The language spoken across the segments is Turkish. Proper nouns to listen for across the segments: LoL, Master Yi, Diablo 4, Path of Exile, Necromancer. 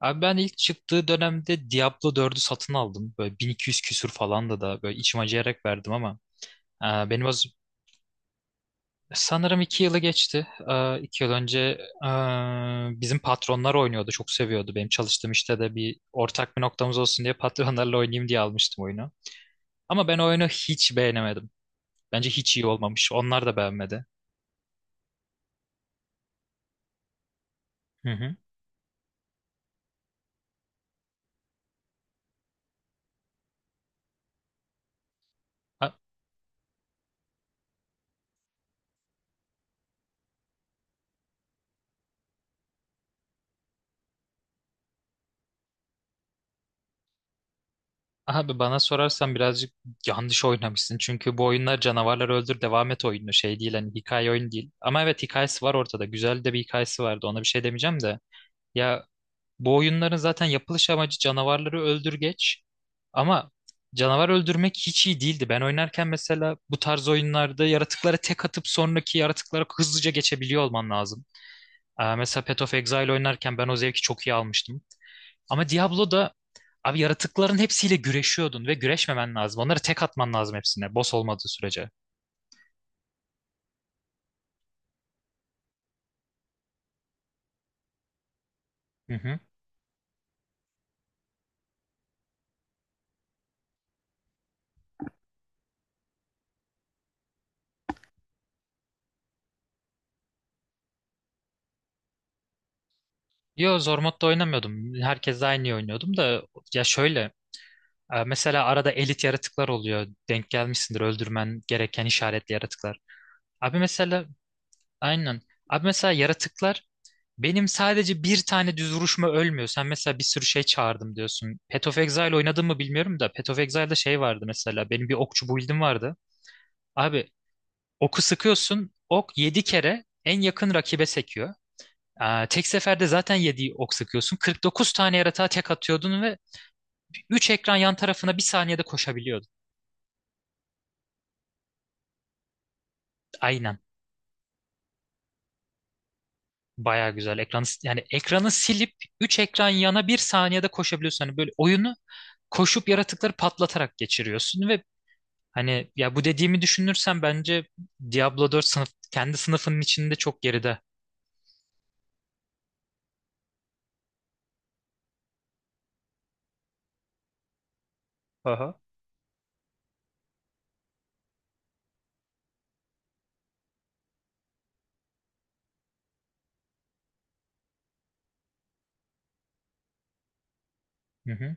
Abi ben ilk çıktığı dönemde Diablo 4'ü satın aldım. Böyle 1200 küsür falan da böyle içim acıyarak verdim ama benim az sanırım 2 yılı geçti. 2 yıl önce bizim patronlar oynuyordu. Çok seviyordu. Benim çalıştığım işte de bir ortak bir noktamız olsun diye patronlarla oynayayım diye almıştım oyunu. Ama ben oyunu hiç beğenemedim. Bence hiç iyi olmamış. Onlar da beğenmedi. Hı hı. Abi bana sorarsan birazcık yanlış oynamışsın. Çünkü bu oyunlar canavarlar öldür devam et oyunu, şey değil, hani hikaye oyun değil. Ama evet, hikayesi var ortada. Güzel de bir hikayesi vardı. Ona bir şey demeyeceğim de. Ya bu oyunların zaten yapılış amacı canavarları öldür geç. Ama canavar öldürmek hiç iyi değildi. Ben oynarken mesela bu tarz oyunlarda yaratıklara tek atıp sonraki yaratıklara hızlıca geçebiliyor olman lazım. Aa, mesela Path of Exile oynarken ben o zevki çok iyi almıştım. Ama Diablo'da abi, yaratıkların hepsiyle güreşiyordun ve güreşmemen lazım. Onları tek atman lazım hepsine, boss olmadığı sürece. Hı hı. Yo, zor modda oynamıyordum. Herkesle aynı oynuyordum da, ya şöyle, mesela arada elit yaratıklar oluyor. Denk gelmişsindir, öldürmen gereken işaretli yaratıklar. Abi mesela, aynen. Abi mesela yaratıklar, benim sadece bir tane düz vuruşma ölmüyor. Sen mesela bir sürü şey çağırdım diyorsun. Path of Exile oynadın mı bilmiyorum da, Path of Exile'da şey vardı mesela. Benim bir okçu build'im vardı. Abi oku sıkıyorsun. Ok 7 kere en yakın rakibe sekiyor. Aa, tek seferde zaten 7 ok sıkıyorsun. 49 tane yaratığa tek atıyordun ve 3 ekran yan tarafına bir saniyede koşabiliyordun. Aynen. Baya güzel. Ekranı, yani ekranı silip 3 ekran yana bir saniyede koşabiliyorsun. Hani böyle oyunu koşup yaratıkları patlatarak geçiriyorsun ve hani, ya bu dediğimi düşünürsen bence Diablo 4 sınıf, kendi sınıfının içinde çok geride. Aha. Hı hı.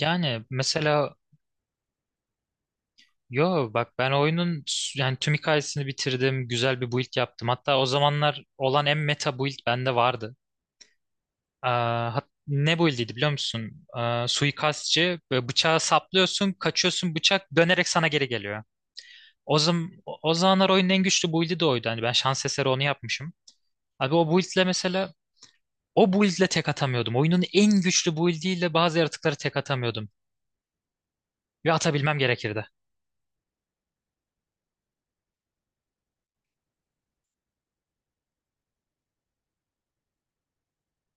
Yani mesela, yo bak, ben oyunun yani tüm hikayesini bitirdim. Güzel bir build yaptım. Hatta o zamanlar olan en meta build bende vardı. Aa, ne build'iydi biliyor musun? Aa, suikastçı, böyle bıçağı saplıyorsun, kaçıyorsun, bıçak dönerek sana geri geliyor. O zamanlar oyunun en güçlü build'i de oydu. Hani ben şans eseri onu yapmışım. Abi o build'le mesela, o build'le tek atamıyordum. Oyunun en güçlü build'iyle bazı yaratıkları tek atamıyordum. Ve atabilmem gerekirdi.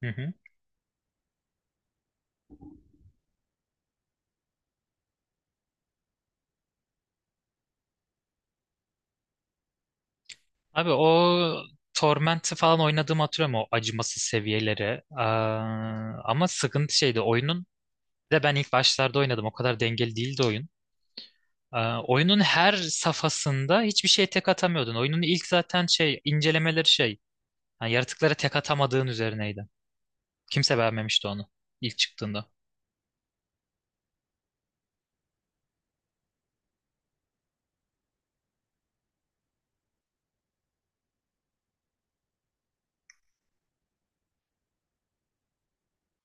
Hı hı. Abi o Torment'i falan oynadığımı hatırlıyorum, o acımasız seviyeleri. Aa, ama sıkıntı şeydi oyunun. Bir de ben ilk başlarda oynadım. O kadar dengeli değildi oyun. Aa, oyunun her safhasında hiçbir şey tek atamıyordun. Oyunun ilk zaten şey incelemeleri şey. Yani yaratıklara tek atamadığın üzerineydi. Kimse beğenmemişti onu ilk çıktığında.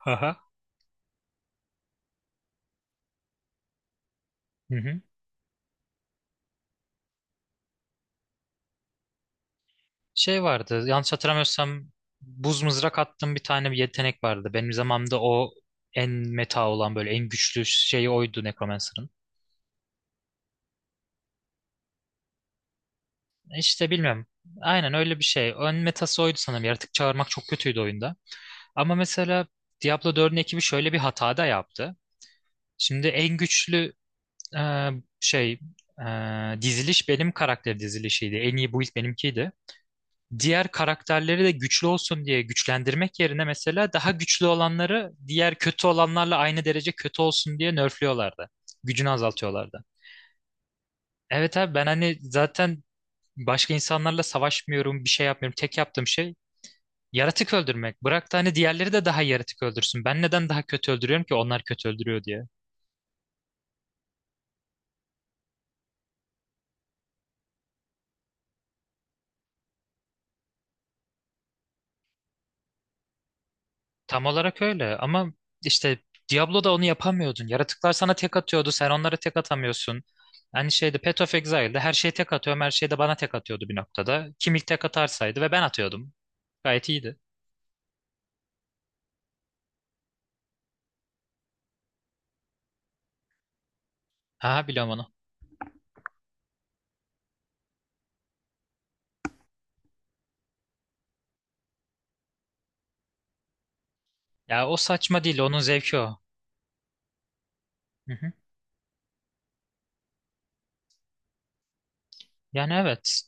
Haha. Şey vardı yanlış hatırlamıyorsam, buz mızrak attığım bir tane bir yetenek vardı. Benim zamanımda o en meta olan, böyle en güçlü şeyi oydu Necromancer'ın. İşte bilmiyorum. Aynen öyle bir şey. Ön metası oydu sanırım. Yaratık çağırmak çok kötüydü oyunda. Ama mesela Diablo 4'ün ekibi şöyle bir hata da yaptı. Şimdi en güçlü e, şey diziliş benim karakter dizilişiydi. En iyi build benimkiydi. Diğer karakterleri de güçlü olsun diye güçlendirmek yerine, mesela daha güçlü olanları diğer kötü olanlarla aynı derece kötü olsun diye nerfliyorlardı. Gücünü azaltıyorlardı. Evet abi, ben hani zaten başka insanlarla savaşmıyorum, bir şey yapmıyorum. Tek yaptığım şey yaratık öldürmek. Bırak da hani diğerleri de daha yaratık öldürsün. Ben neden daha kötü öldürüyorum ki, onlar kötü öldürüyor diye. Tam olarak öyle ama işte Diablo'da onu yapamıyordun. Yaratıklar sana tek atıyordu, sen onlara tek atamıyorsun. Aynı şeyde Path of Exile'de her şeye tek atıyorum, her şey de bana tek atıyordu bir noktada. Kim ilk tek atarsaydı, ve ben atıyordum. Gayet iyiydi. Ha, biliyorum onu. Ya o saçma değil, onun zevki o. Hı hı. Yani evet.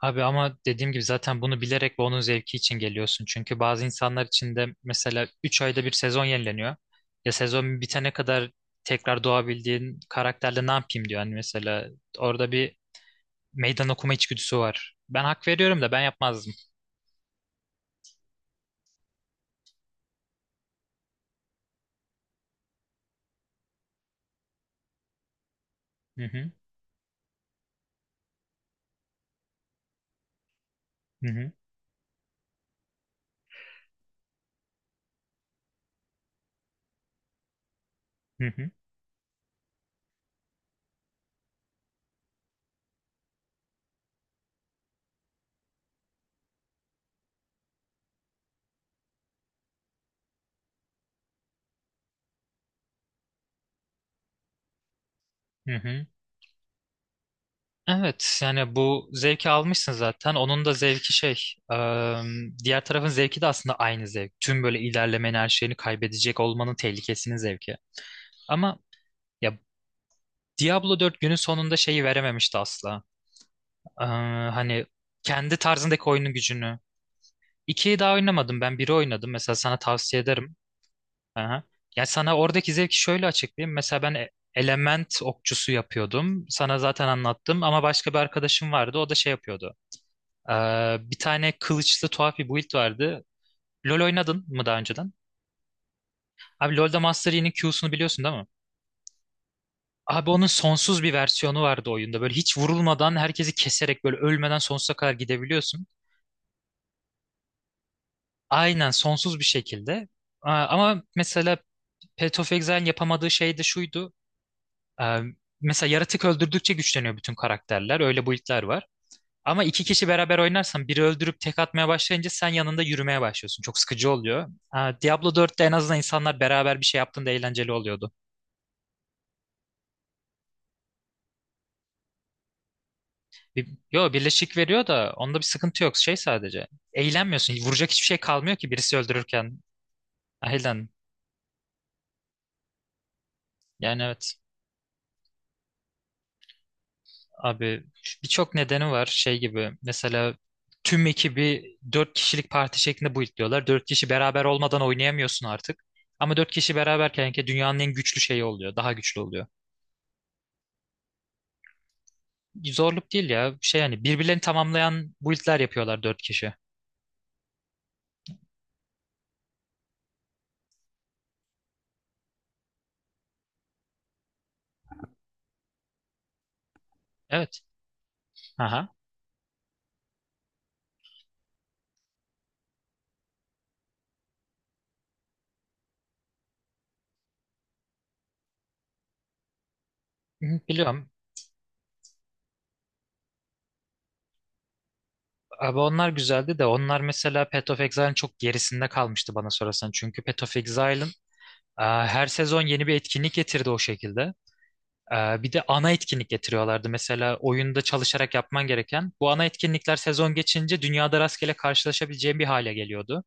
Abi ama dediğim gibi zaten bunu bilerek ve onun zevki için geliyorsun. Çünkü bazı insanlar için de mesela 3 ayda bir sezon yenileniyor. Ya sezon bitene kadar tekrar doğabildiğin karakterle ne yapayım diyor. Hani mesela, orada bir meydan okuma içgüdüsü var. Ben hak veriyorum da, ben yapmazdım. Hı hı, hı hı, hı hı, hı hı. Evet yani bu zevki almışsın zaten. Onun da zevki şey, eee, diğer tarafın zevki de aslında aynı zevk. Tüm böyle ilerlemenin, her şeyini kaybedecek olmanın tehlikesinin zevki. Ama ya, Diablo 4 günün sonunda şeyi verememişti asla. Hani kendi tarzındaki oyunun gücünü. 2'yi daha oynamadım, ben biri oynadım. Mesela sana tavsiye ederim. Aha. Yani sana oradaki zevki şöyle açıklayayım. Mesela ben element okçusu yapıyordum. Sana zaten anlattım ama başka bir arkadaşım vardı. O da şey yapıyordu. Bir tane kılıçlı tuhaf bir build vardı. LoL oynadın mı daha önceden? Abi LoL'da Master Yi'nin Q'sunu biliyorsun değil mi? Abi onun sonsuz bir versiyonu vardı oyunda. Böyle hiç vurulmadan herkesi keserek, böyle ölmeden sonsuza kadar gidebiliyorsun. Aynen sonsuz bir şekilde. Aa, ama mesela Path of Exile'in yapamadığı şey de şuydu. Ee, Mesela yaratık öldürdükçe güçleniyor bütün karakterler. Öyle build'ler var. Ama iki kişi beraber oynarsan, biri öldürüp tek atmaya başlayınca sen yanında yürümeye başlıyorsun. Çok sıkıcı oluyor. Aa, Diablo 4'te en azından insanlar beraber bir şey yaptığında eğlenceli oluyordu. Yo, birleşik veriyor da onda bir sıkıntı yok. Şey sadece. Eğlenmiyorsun. Vuracak hiçbir şey kalmıyor ki, birisi öldürürken. Aynen. Yani evet. Abi birçok nedeni var. Şey gibi mesela, tüm ekibi dört kişilik parti şeklinde buildliyorlar. Dört kişi beraber olmadan oynayamıyorsun artık. Ama dört kişi beraberken ki dünyanın en güçlü şeyi oluyor. Daha güçlü oluyor. Zorluk değil ya. Şey, yani birbirlerini tamamlayan buildler yapıyorlar dört kişi. Evet. Aha. Hı, biliyorum. Abi onlar güzeldi de, onlar mesela Path of Exile'ın çok gerisinde kalmıştı bana sorarsan. Çünkü Path of Exile'ın her sezon yeni bir etkinlik getirdi o şekilde. E, Bir de ana etkinlik getiriyorlardı. Mesela oyunda çalışarak yapman gereken bu ana etkinlikler, sezon geçince dünyada rastgele karşılaşabileceğin bir hale geliyordu.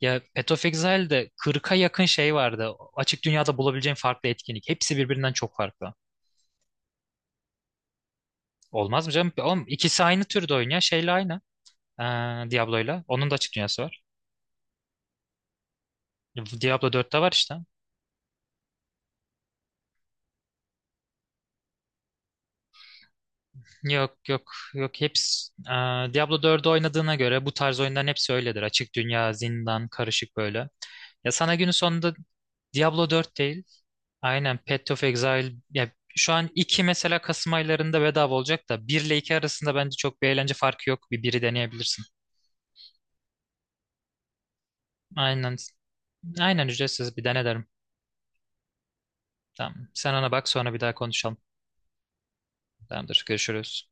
Ya Path of Exile'de 40'a yakın şey vardı. Açık dünyada bulabileceğin farklı etkinlik. Hepsi birbirinden çok farklı. Olmaz mı canım? Oğlum, ikisi aynı türde oyun ya. Şeyle aynı. E, Diablo'yla. Onun da açık dünyası var. Diablo 4'te var işte. Yok yok yok, hepsi. Aa, Diablo 4'ü oynadığına göre bu tarz oyunların hepsi öyledir. Açık dünya, zindan, karışık böyle. Ya sana günün sonunda, Diablo 4 değil, aynen Path of Exile. Ya şu an 2 mesela, Kasım aylarında bedava olacak da, 1 ile 2 arasında bence çok bir eğlence farkı yok. Bir, biri deneyebilirsin. Aynen. Aynen ücretsiz, bir dene derim. Tamam. Sen ona bak, sonra bir daha konuşalım. Tamamdır. Görüşürüz.